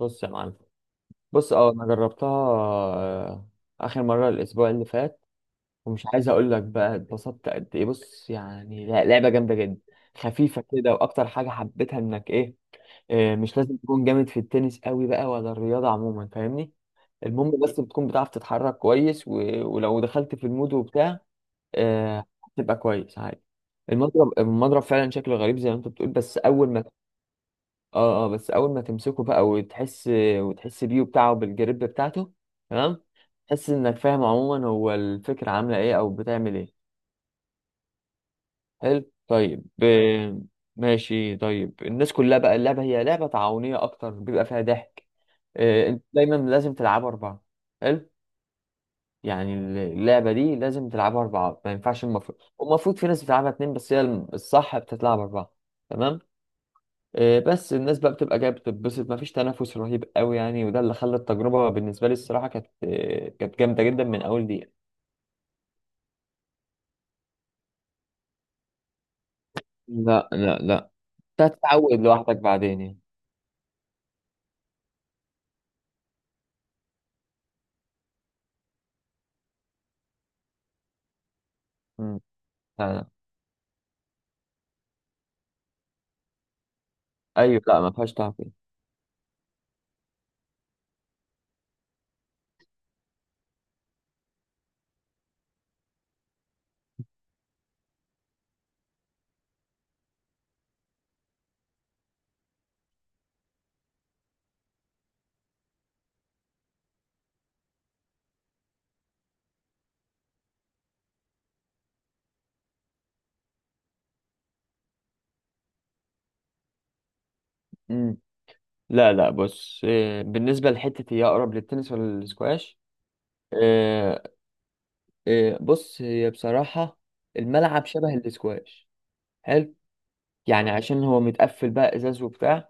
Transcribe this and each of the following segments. بص يا معلم. بص، انا جربتها. اخر مره الاسبوع اللي فات. ومش عايز اقول لك بقى اتبسطت قد ايه، بص يعني لا، لعبه جامده جدا، خفيفه كده. واكتر حاجه حبيتها انك ايه آه، مش لازم تكون جامد في التنس قوي بقى ولا الرياضه عموما، فاهمني. المهم بس بتكون بتعرف تتحرك كويس، ولو دخلت في المود وبتاع آه، هتبقى كويس عادي. المضرب فعلا شكله غريب زي ما انت بتقول، بس اول ما اه بس اول ما تمسكه بقى وتحس بيه وبتاعه بالجريب بتاعته، تمام. تحس انك فاهم عموما هو الفكرة عاملة ايه او بتعمل ايه. حلو، طيب، تمام. ماشي، طيب. الناس كلها بقى اللعبة هي لعبة تعاونية اكتر، بيبقى فيها ضحك. انت دايما لازم تلعبها اربعة، حلو يعني. اللعبة دي لازم تلعبها اربعة، ما ينفعش. المفروض والمفروض في ناس بتلعبها اتنين، بس هي الصح بتتلعب اربعة، تمام. إيه، بس الناس بقى بتبقى جايه بتتبسط، مفيش تنافس رهيب قوي يعني، وده اللي خلى التجربه بالنسبه لي الصراحه كانت جامده جدا من اول دقيقه. لا لا لا، انت هتتعود لوحدك بعدين يعني. مم. لا. ايوه، لا ما فيهاش تعقيد. مم. لا لا، بص، بالنسبه لحته هي اقرب للتنس ولا الاسكواش؟ إيه، إيه، بص هي بصراحه الملعب شبه الاسكواش، حلو، يعني عشان هو متقفل بقى ازاز وبتاع،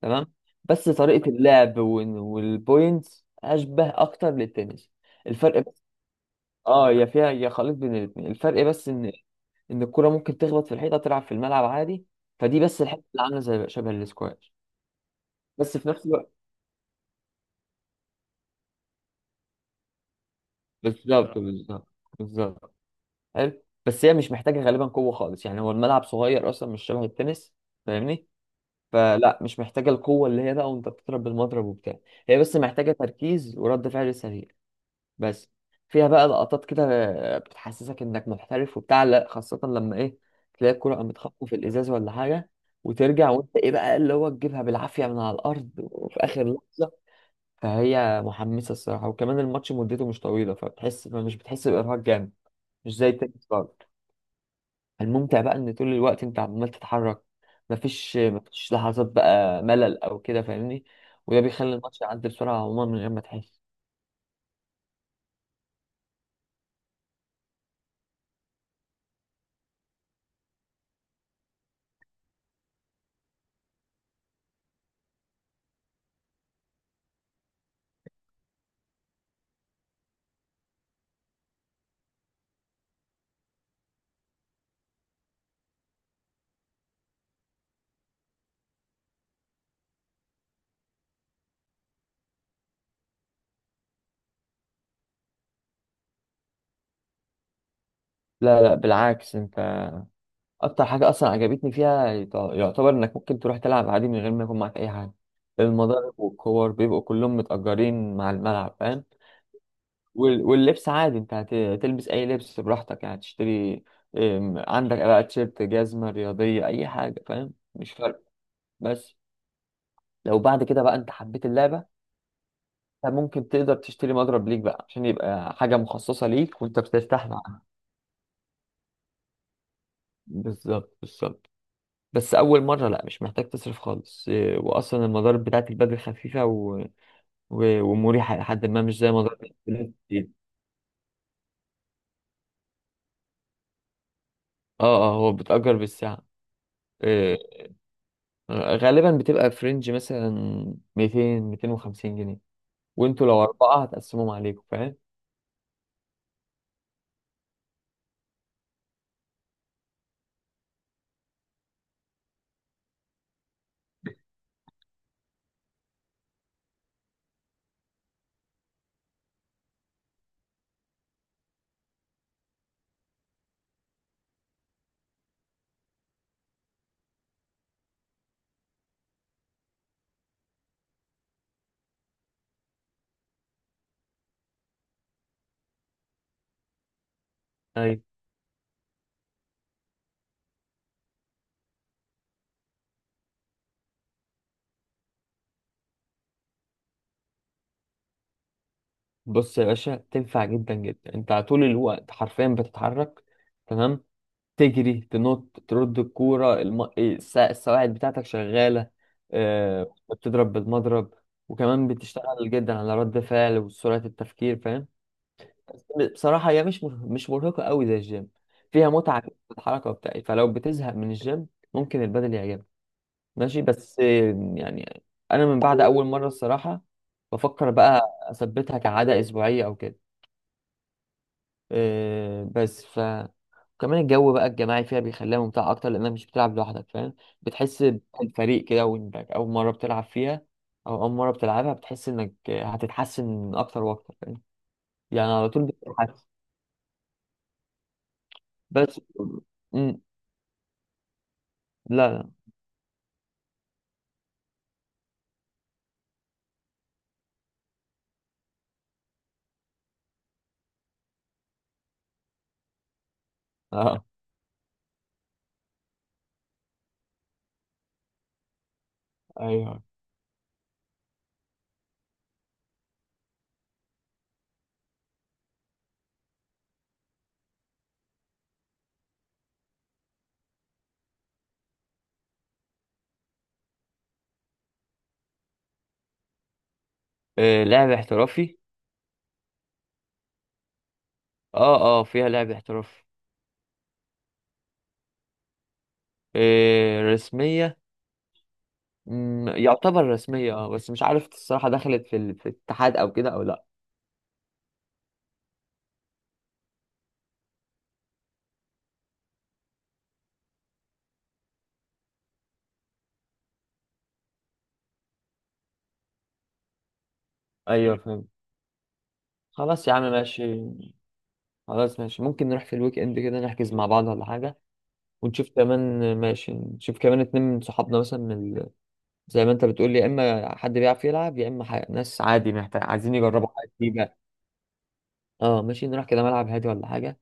تمام. بس طريقة اللعب والبوينتس أشبه أكتر للتنس. الفرق بس، اه، يا فيها يا خليط بين الاتنين. الفرق بس إن الكرة ممكن تخبط في الحيطة، تلعب في الملعب عادي. فدي بس الحتة اللي عاملة زي شبه الاسكواش، بس في نفس الوقت. بالظبط بالظبط. بالظبط. حلو. بس هي مش محتاجة غالبا قوة خالص يعني، هو الملعب صغير أصلا، مش شبه التنس، فاهمني. فلا، مش محتاجة القوة اللي هي بقى وأنت بتضرب بالمضرب وبتاع. هي بس محتاجة تركيز ورد فعل سريع، بس. فيها بقى لقطات كده بتحسسك انك محترف وبتاع، لا خاصة لما ايه، تلاقي الكرة قامت خبطة في الازاز ولا حاجة، وترجع وانت ايه بقى اللي هو تجيبها بالعافية من على الارض وفي اخر لحظة. فهي محمسة الصراحة، وكمان الماتش مدته مش طويلة، فبتحس مش بتحس بإرهاق جامد، مش زي التنس برضه. الممتع بقى ان طول الوقت انت عمال تتحرك، مفيش لحظات بقى ملل او كده، فاهمني. وده بيخلي الماتش يعدي بسرعة عموما من غير ما تحس. لا لا بالعكس، انت اكتر حاجه اصلا عجبتني فيها يعتبر انك ممكن تروح تلعب عادي من غير ما يكون معاك اي حاجه. المضارب والكور بيبقوا كلهم متأجرين مع الملعب، فاهم. واللبس عادي انت هتلبس اي لبس براحتك يعني تشتري. عندك بقى تيشيرت، جزمه رياضيه، اي حاجه، فاهم، مش فارق. بس لو بعد كده بقى انت حبيت اللعبه، انت ممكن تقدر تشتري مضرب ليك بقى عشان يبقى حاجه مخصصه ليك وانت بترتاح معاها. بالظبط بالظبط. بس اول مره لا، مش محتاج تصرف خالص، واصلا المضارب بتاعت البدل خفيفه ومريحه لحد ما، مش زي مضارب البلاد كتير. اه اه، هو بتأجر بالساعه إيه، غالبا بتبقى في رينج مثلا 200 250 جنيه، وانتوا لو اربعه هتقسمهم عليكم، فاهم. ايوه، بص يا باشا تنفع جدا جدا، انت على طول الوقت حرفيا بتتحرك، تمام. تجري، تنط، ترد الكورة، السواعد بتاعتك شغالة، بتضرب بالمضرب، وكمان بتشتغل جدا على رد فعل وسرعة التفكير، فاهم. بصراحة هي مش مرهقة قوي زي الجيم، فيها متعة في الحركة بتاعي، فلو بتزهق من الجيم ممكن البدل يعجبك. ماشي، بس، يعني أنا من بعد أول مرة الصراحة بفكر بقى أثبتها كعادة أسبوعية أو كده آه، بس ف وكمان الجو بقى الجماعي فيها بيخليها ممتعة أكتر لأنك مش بتلعب لوحدك، فاهم. بتحس بالفريق كده، وإنك أول مرة بتلعب فيها أو أول مرة بتلعبها بتحس إنك هتتحسن أكتر وأكتر، فاهم. يعني على طول بتتحسن، بس. مم. لا لا. آه. أيوه. آه. لعب احترافي. أه أه، فيها لعب احترافي. آه. رسمية. يعتبر رسمية، أه، بس مش عارف الصراحة دخلت في الاتحاد أو كده أو لأ. أيوه فاهم. خلاص يا عم ماشي. خلاص ماشي، ممكن نروح في الويك اند كده نحجز مع بعض ولا حاجة. ونشوف كمان ماشي نشوف كمان اتنين من صحابنا مثلا زي ما انت بتقول يا اما حد بيعرف يلعب يا اما ناس عادي محتاج عايزين يجربوا حاجة جديدة. اه ماشي، نروح كده ملعب هادي ولا حاجة.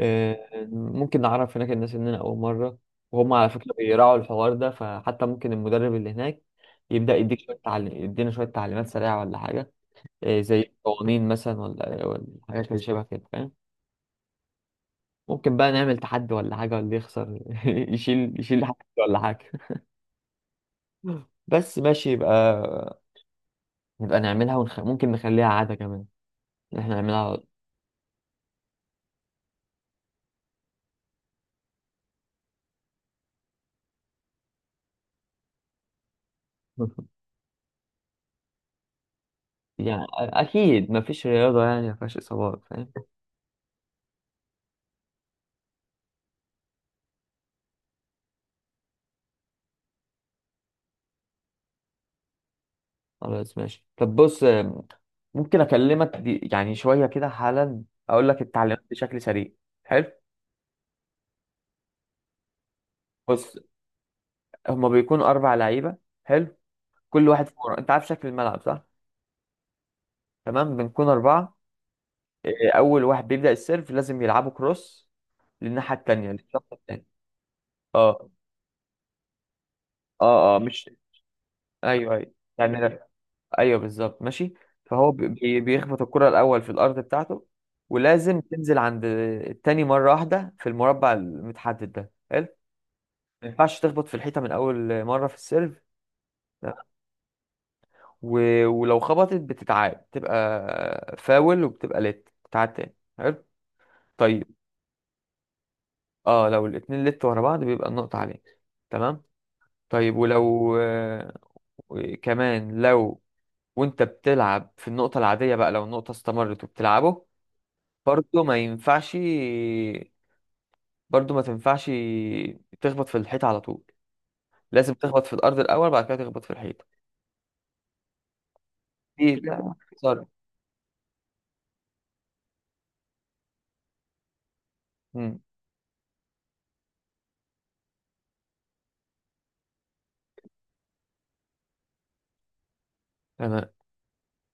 آه، ممكن نعرف هناك الناس اننا اول مرة، وهم على فكرة بيراعوا الحوار ده، فحتى ممكن المدرب اللي هناك يبدأ يديك شوية تعليم يدينا شوية تعليمات سريعة ولا حاجة. آه، زي قوانين مثلا ولا حاجات اللي شبه كده، فاهم. ممكن بقى نعمل تحدي ولا حاجة، واللي يخسر يشيل حاجة ولا حاجة، بس. ماشي، يبقى نعملها ممكن نخليها عادة كمان إن احنا نعملها على طول. يعني أكيد مفيش رياضة يعني مفيهاش إصابات، فاهم. خلاص ماشي، طب بص، ممكن أكلمك يعني شوية كده حالا أقول لك التعليمات بشكل سريع. حلو. بص، هما بيكونوا أربع لعيبة، حلو. كل واحد في مرة أنت عارف شكل الملعب، صح؟ تمام، بنكون أربعة. أول واحد بيبدأ السيرف لازم يلعبوا كروس للناحية التانية، للشخص التاني. اه اه اه، مش، ايوه ايوه، يعني لا. ايوه بالظبط، ماشي. فهو بيخبط الكرة الأول في الأرض بتاعته، ولازم تنزل عند التاني مرة واحدة في المربع المتحدد ده، حلو. ما ينفعش تخبط في الحيطة من أول مرة في السيرف، لا. و... ولو خبطت بتتعاد، تبقى فاول، وبتبقى لت تتعاد تاني، حلو. طيب، اه، لو الاتنين لت ورا بعض بيبقى النقطة عليك، تمام. طيب، ولو، كمان لو وانت بتلعب في النقطة العادية بقى، لو النقطة استمرت وبتلعبه، برضه ما ينفعش برضه ما تنفعش تخبط في الحيط على طول. لازم تخبط في الأرض الأول، بعد كده تخبط في الحيط. ده خسارة. مم.